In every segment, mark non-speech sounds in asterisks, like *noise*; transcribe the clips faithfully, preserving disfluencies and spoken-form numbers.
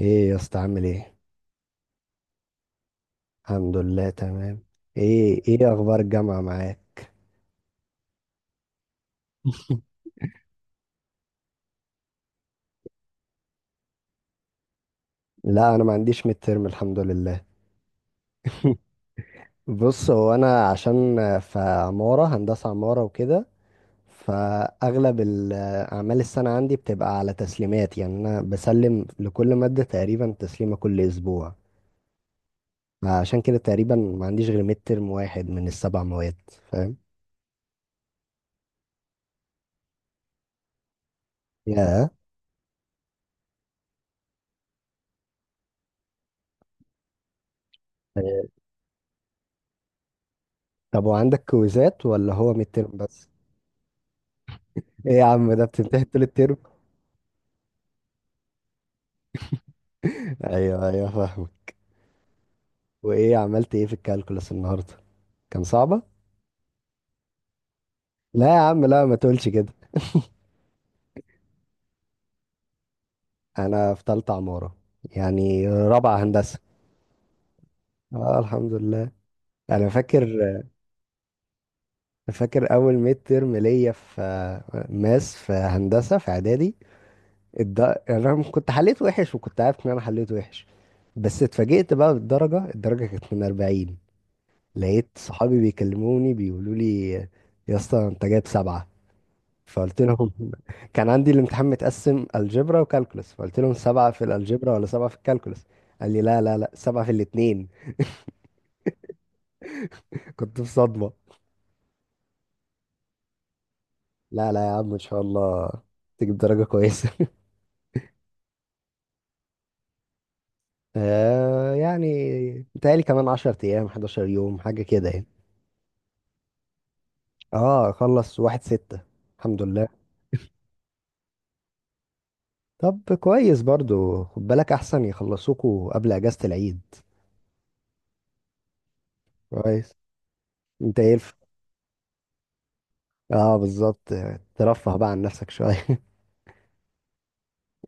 ايه يا اسطى عامل ايه؟ الحمد لله تمام. ايه ايه اخبار الجامعه معاك؟ *laughs* لا، انا ما عنديش ميد ترم الحمد لله. بص، هو انا عشان في عماره، هندسه عماره وكده، فاغلب ال- اعمال السنه عندي بتبقى على تسليمات، يعني انا بسلم لكل ماده تقريبا تسليمه كل اسبوع. عشان كده تقريبا ما عنديش غير ميد ترم واحد من السبع مواد، فاهم يا؟ طب وعندك كويزات ولا هو ميد ترم بس؟ ايه يا عم، ده بتنتهي طول الترم. ايوه ايوه، فاهمك. وايه عملت ايه في الكالكولس النهارده؟ كان صعبه؟ لا يا عم، لا، ما تقولش كده. انا في تالتة عمارة، يعني رابعة هندسة. اه، الحمد لله. انا فاكر، فاكر اول ميد ترم ليا في آه، ماس في هندسة في اعدادي. الد... انا كنت حليت وحش، وكنت عارف ان انا حليت وحش، بس اتفاجئت بقى بالدرجة، الدرجة كانت من أربعين. لقيت صحابي بيكلموني بيقولوا لي: يا اسطى انت جايب سبعة. فقلت لهم *laughs* كان عندي الامتحان متقسم الجبرا وكالكولس، فقلت لهم: سبعة في الالجبرا ولا سبعة في الكالكولس؟ قال لي لا لا لا، سبعة في الاتنين. *laughs* كنت في صدمة. لا لا يا عم، ان شاء الله تجيب درجة كويسة. *laughs* آه يعني متهيألي كمان عشر ايام، أحد عشر يوم، حاجة كده يعني. اه، خلص واحد ستة، الحمد لله. طب كويس برضو، خد بالك احسن يخلصوكوا قبل اجازة العيد. كويس. انت ايه الف- اه بالظبط، ترفه بقى عن نفسك شوية.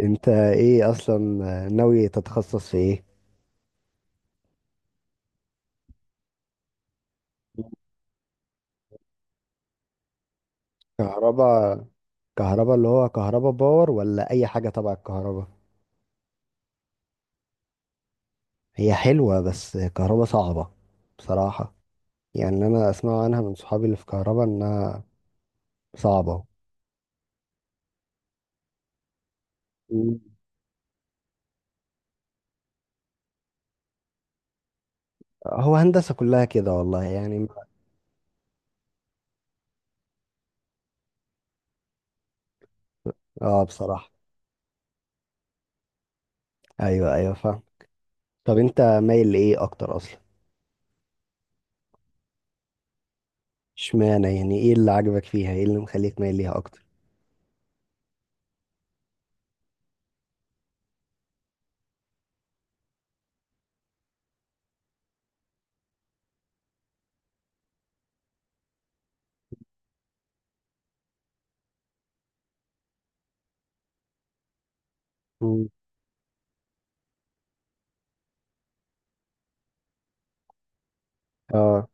انت ايه اصلا، ناوي تتخصص في ايه؟ كهرباء؟ كهرباء اللي هو كهرباء باور ولا اي حاجة تبع الكهرباء؟ هي حلوة، بس كهرباء صعبة بصراحة. يعني انا اسمع عنها من صحابي اللي في كهرباء انها صعبة. مم. هو هندسة كلها كده والله، يعني ما- اه بصراحة. ايوه ايوه، فاهم. طب انت مايل لايه اكتر اصلا؟ اشمعنى، يعني ايه اللي عجبك فيها، ايه اللي مخليك مايل ليها اكتر؟ مم. اه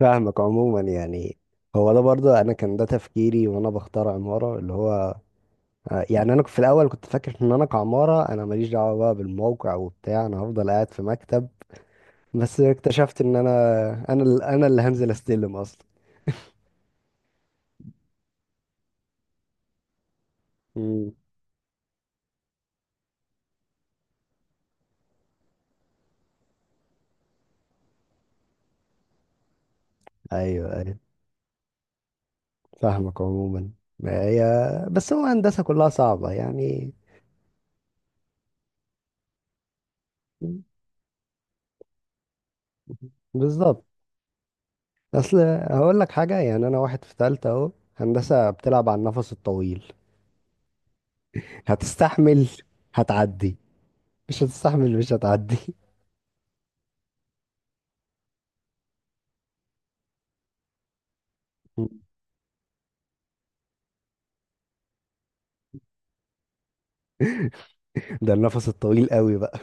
فاهمك عموما يعني. هو ده برضه انا كان ده تفكيري وانا بختار عماره، اللي هو آه، يعني انا في الاول كنت فاكر ان انا كعماره انا ماليش دعوه بقى بالموقع وبتاع، انا هفضل قاعد في مكتب. بس اكتشفت ان انا انا ال- انا اللي هنزل استلم اصلا. مم. ايوه ايوه، فاهمك عموما. ما هي، بس هو هندسه كلها صعبه يعني. بالظبط. اصل هقول لك حاجه، يعني انا واحد في ثالثه اهو، هندسه بتلعب على النفس الطويل. هتستحمل هتعدي، مش هتستحمل مش هتعدي. *laughs* ده النفس الطويل قوي بقى.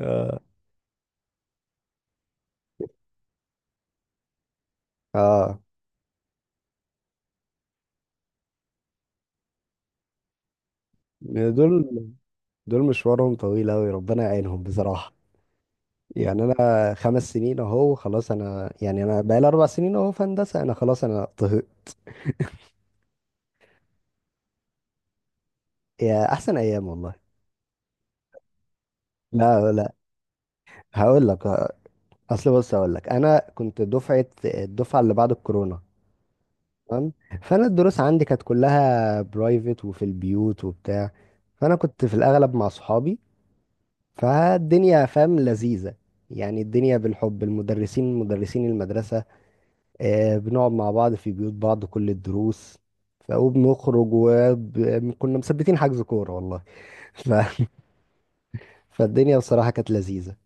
آه. اه دول، دول مشوارهم طويل قوي، ربنا يعينهم بصراحة. يعني انا خمس سنين اهو خلاص، انا يعني انا بقالي اربع سنين اهو في هندسة، انا خلاص انا طهق. يا احسن ايام والله. لا لا، هقول لك. اصل بص هقول لك، انا كنت دفعة الدفعة اللي بعد الكورونا، تمام. فانا الدروس عندي كانت كلها برايفت وفي البيوت وبتاع، فانا كنت في الاغلب مع صحابي، فالدنيا فاهم لذيذة. يعني الدنيا بالحب، المدرسين مدرسين المدرسة، آه، بنقعد مع بعض في بيوت بعض كل الدروس ف- وبنخرج، وكنا مثبتين حجز كورة والله. *laughs* ف... فالدنيا بصراحة كانت لذيذة.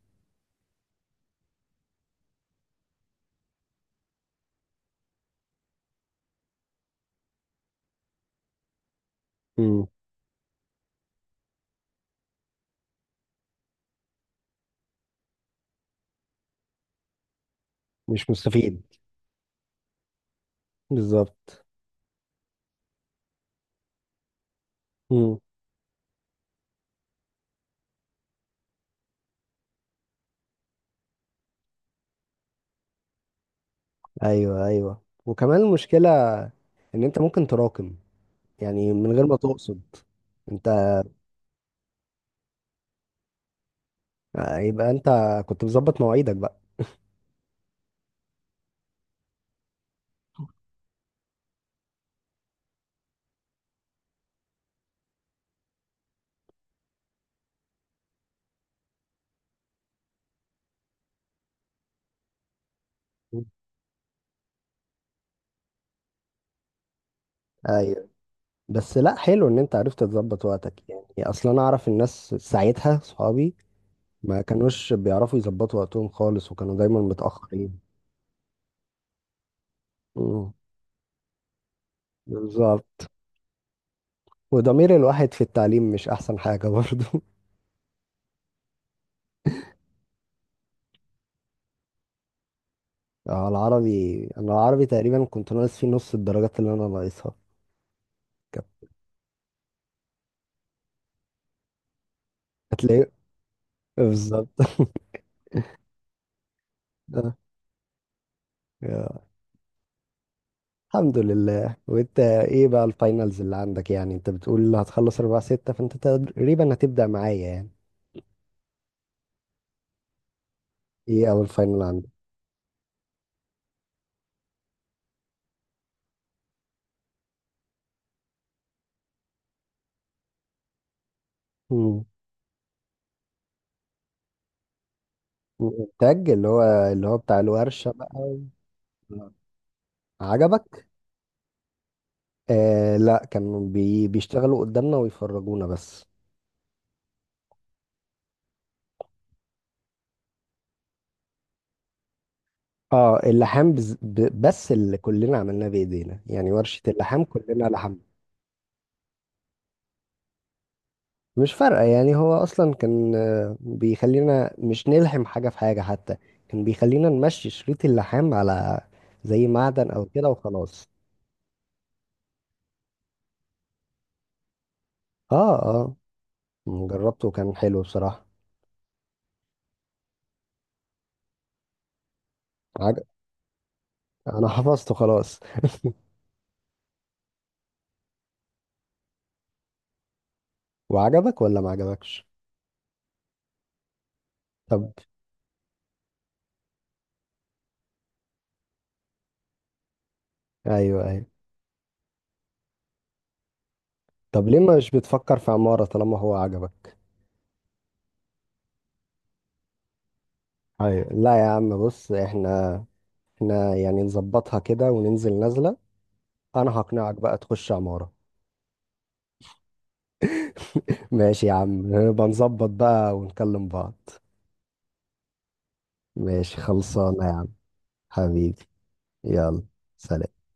مم. مش مستفيد. بالظبط. مم. ايوه ايوه وكمان المشكلة ان انت ممكن تراكم، يعني من غير ما تقصد. انت آه، يبقى انت كنت مظبط مواعيدك بقى. مم. ايوه. بس لا، حلو ان انت عرفت تظبط وقتك. يعني اصلا انا اعرف الناس ساعتها، صحابي ما كانوش بيعرفوا يظبطوا وقتهم خالص، وكانوا دايما متأخرين. مم. بالظبط. وضمير الواحد في التعليم مش احسن حاجة برضو. *laughs* آه، العربي، انا العربي تقريبا كنت ناقص فيه نص الدرجات اللي انا ناقصها. كانت- هتلاقيه، بالظبط. *laughs* آه، يا. الحمد لله. وانت ايه بقى الفاينلز اللي عندك؟ يعني انت بتقول هتخلص أربعة ستة، فانت تقريبا هتبدأ معايا يعني. ايه اول فاينل عندك؟ الانتاج، اللي هو اللي هو بتاع الورشة بقى. آه. عجبك؟ آه لا، كانوا بي بيشتغلوا قدامنا ويفرجونا بس. اه، اللحام بز... ب... بس اللي كلنا عملناه بايدينا، يعني ورشة اللحام كلنا لحم. مش فارقة يعني، هو اصلا كان آه، بيخلينا مش نلحم حاجة في حاجة حتى، كان بيخلينا نمشي شريط اللحام على زي معدن او كده وخلاص. اه اه، جربته وكان حلو بصراحة. عج... انا *laughs* حفظته خلاص. وعجبك ولا ما عجبكش؟ طب، ايوه ايوه. طب ليه مش بتفكر في عمارة طالما هو عجبك؟ ايوه لا يا عم، بص احنا احنا يعني نظبطها كده وننزل نازلة، انا هقنعك بقى تخش عمارة. *laughs* ماشي يا عم، بنظبط بقى ونكلم بعض. ماشي، خلصانة يا عم. حبيبي. يلا، سلام.